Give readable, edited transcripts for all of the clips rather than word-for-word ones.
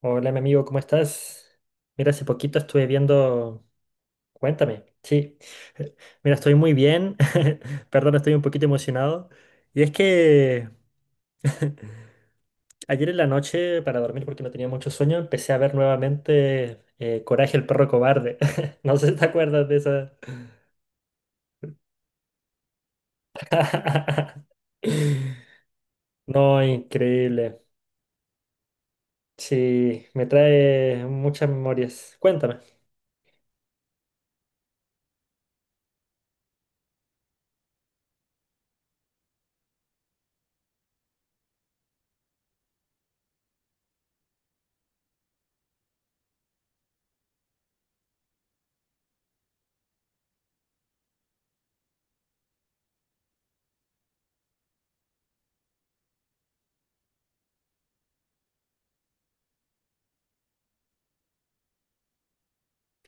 Hola, mi amigo, ¿cómo estás? Mira, hace poquito estuve viendo... Cuéntame, sí. Mira, estoy muy bien. Perdón, estoy un poquito emocionado. Y es que ayer en la noche, para dormir porque no tenía mucho sueño, empecé a ver nuevamente Coraje el perro cobarde. No sé si te acuerdas de esa. No, increíble. Sí, me trae muchas memorias. Cuéntame.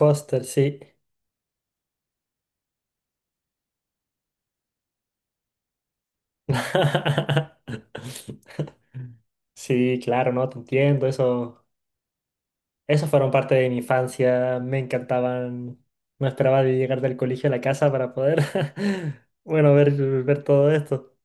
Foster, sí. Sí, claro, no, te entiendo. Eso fueron parte de mi infancia. Me encantaban. No esperaba de llegar del colegio a la casa para poder, bueno, ver, ver todo esto.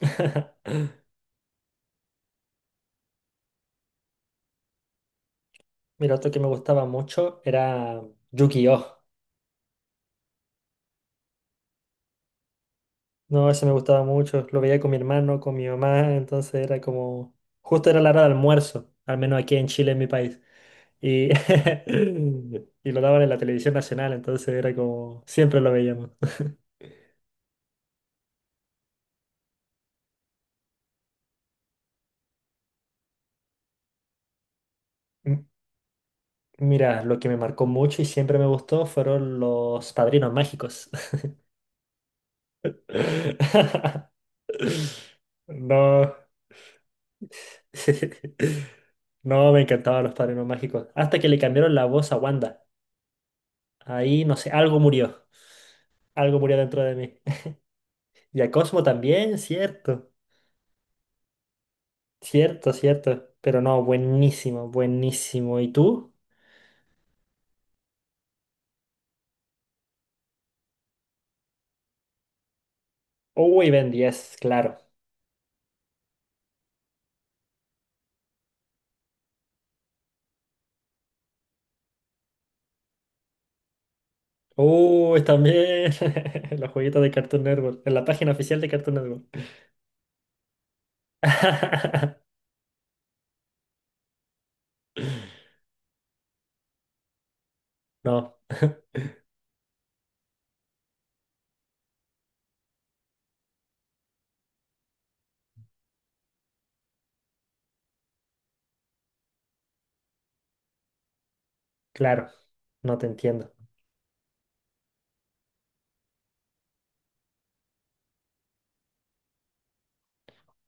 Mira, otro que me gustaba mucho era Yu-Gi-Oh! No, ese me gustaba mucho. Lo veía con mi hermano, con mi mamá. Entonces era como, justo era la hora de almuerzo, al menos aquí en Chile, en mi país. Y, y lo daban en la televisión nacional, entonces era como, siempre lo veíamos. Mira, lo que me marcó mucho y siempre me gustó fueron los padrinos mágicos. No. No, me encantaban los padrinos mágicos. Hasta que le cambiaron la voz a Wanda. Ahí, no sé, algo murió. Algo murió dentro de mí. Y a Cosmo también, cierto. Cierto, cierto. Pero no, buenísimo, buenísimo. ¿Y tú? Uy, Ben 10, claro. Uy, también. Los jueguitos de Cartoon Network. En la página oficial de Cartoon Network. No. Claro, no te entiendo.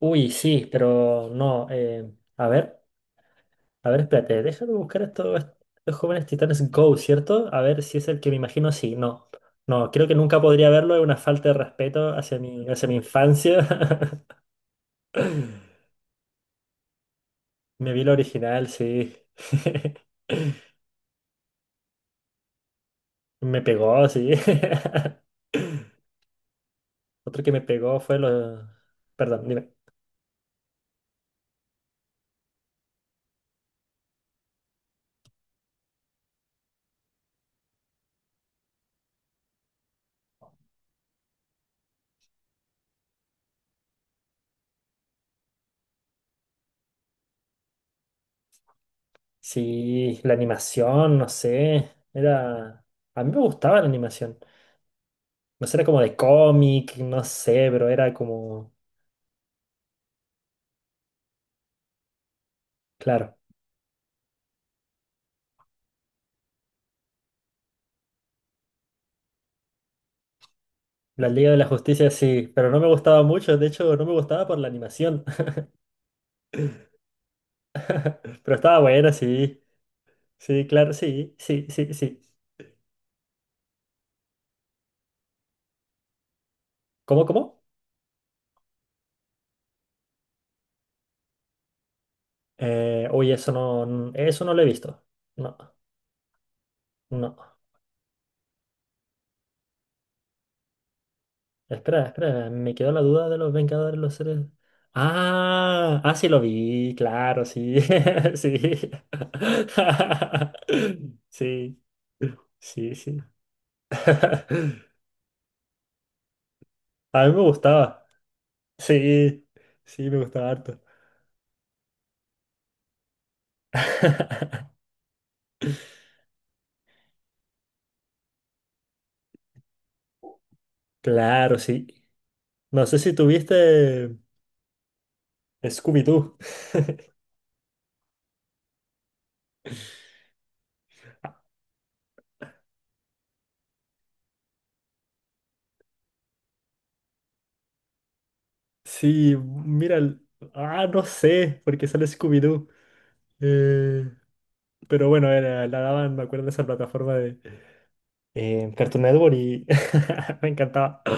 Uy, sí, pero no. A ver, a ver, espérate, déjame buscar esto, estos jóvenes titanes Go, ¿cierto? A ver si es el que me imagino, sí, no. No, creo que nunca podría verlo, es una falta de respeto hacia mi infancia. Me vi el original, sí. Me pegó, sí. Otro que me pegó fue lo... Perdón, dime. Sí, la animación, no sé. Era... A mí me gustaba la animación. No sé, era como de cómic, no sé, pero era como, claro, la Liga de la Justicia sí, pero no me gustaba mucho, de hecho no me gustaba por la animación, pero estaba buena, sí, sí, claro, sí, sí, sí, sí. ¿Cómo, cómo? Uy, eso no, eso no lo he visto. No, no. Espera, espera, me quedó la duda de los Vengadores, los seres. Ah, ah, sí lo vi, claro, sí, sí. Sí, sí, sí. A mí me gustaba. Sí, sí, me gustaba harto. Claro, sí. No sé si tuviste Scooby-Doo. Sí, mira, ah, no sé, porque sale Scooby-Doo. Eh, pero bueno, era, la daban, me acuerdo de esa plataforma de Cartoon Network y me encantaba.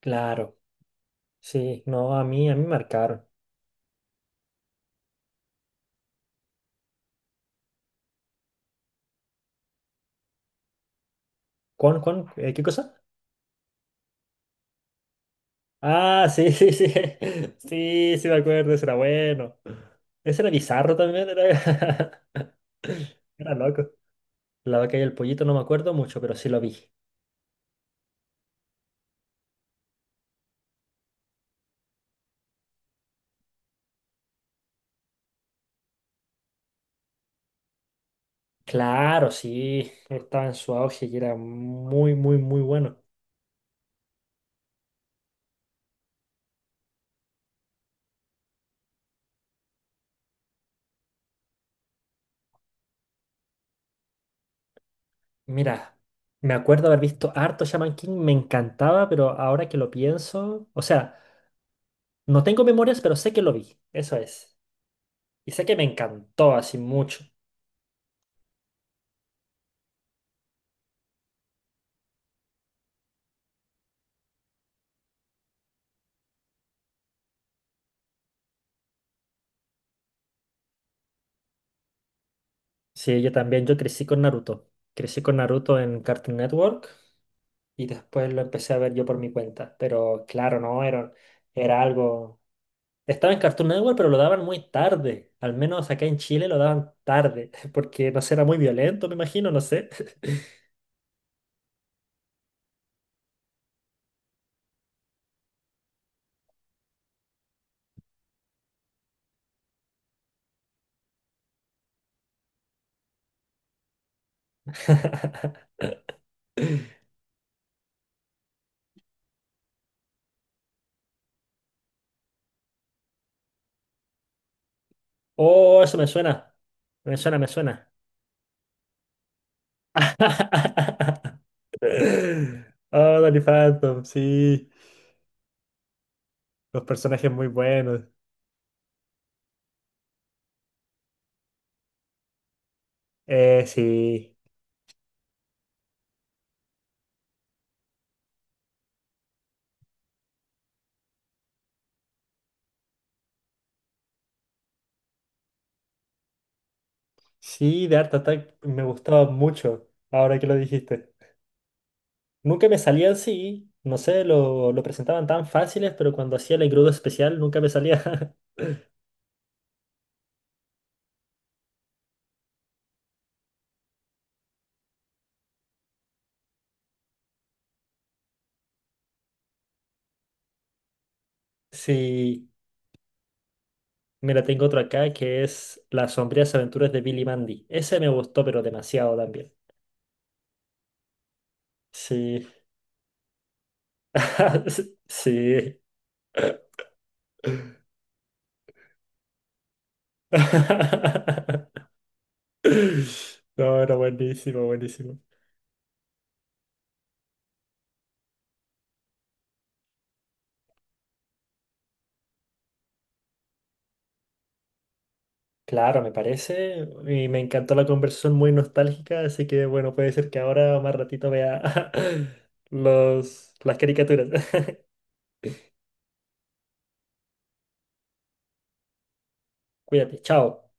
Claro, sí, no, a mí me marcaron. ¿Cuán, cuán, qué cosa? Ah, sí, sí, sí. Sí, sí, me acuerdo, ese era bueno. Ese era bizarro también, era, era loco. La vaca y el pollito no me acuerdo mucho, pero sí lo vi. Claro, sí, estaba en su auge y era muy, muy, muy bueno. Mira, me acuerdo haber visto harto Shaman King, me encantaba, pero ahora que lo pienso, o sea, no tengo memorias, pero sé que lo vi, eso es. Y sé que me encantó así mucho. Sí, yo también, yo crecí con Naruto. Crecí con Naruto en Cartoon Network y después lo empecé a ver yo por mi cuenta. Pero claro, no, era, era algo... Estaba en Cartoon Network, pero lo daban muy tarde. Al menos acá en Chile lo daban tarde, porque no sé, era muy violento, me imagino, no sé. Oh, eso me suena. Me suena, me suena. Oh, Danny Phantom, sí. Los personajes muy buenos. Sí. Sí, de Art Attack me gustaba mucho, ahora que lo dijiste. Nunca me salían, sí, no sé, lo presentaban tan fáciles, pero cuando hacía el engrudo especial nunca me salía. Sí, mira, tengo otro acá que es Las sombrías aventuras de Billy Mandy. Ese me gustó, pero demasiado también. Sí. Sí. No, era buenísimo, buenísimo. Claro, me parece. Y me encantó la conversación muy nostálgica, así que bueno, puede ser que ahora o más ratito vea los, las caricaturas. Cuídate, chao.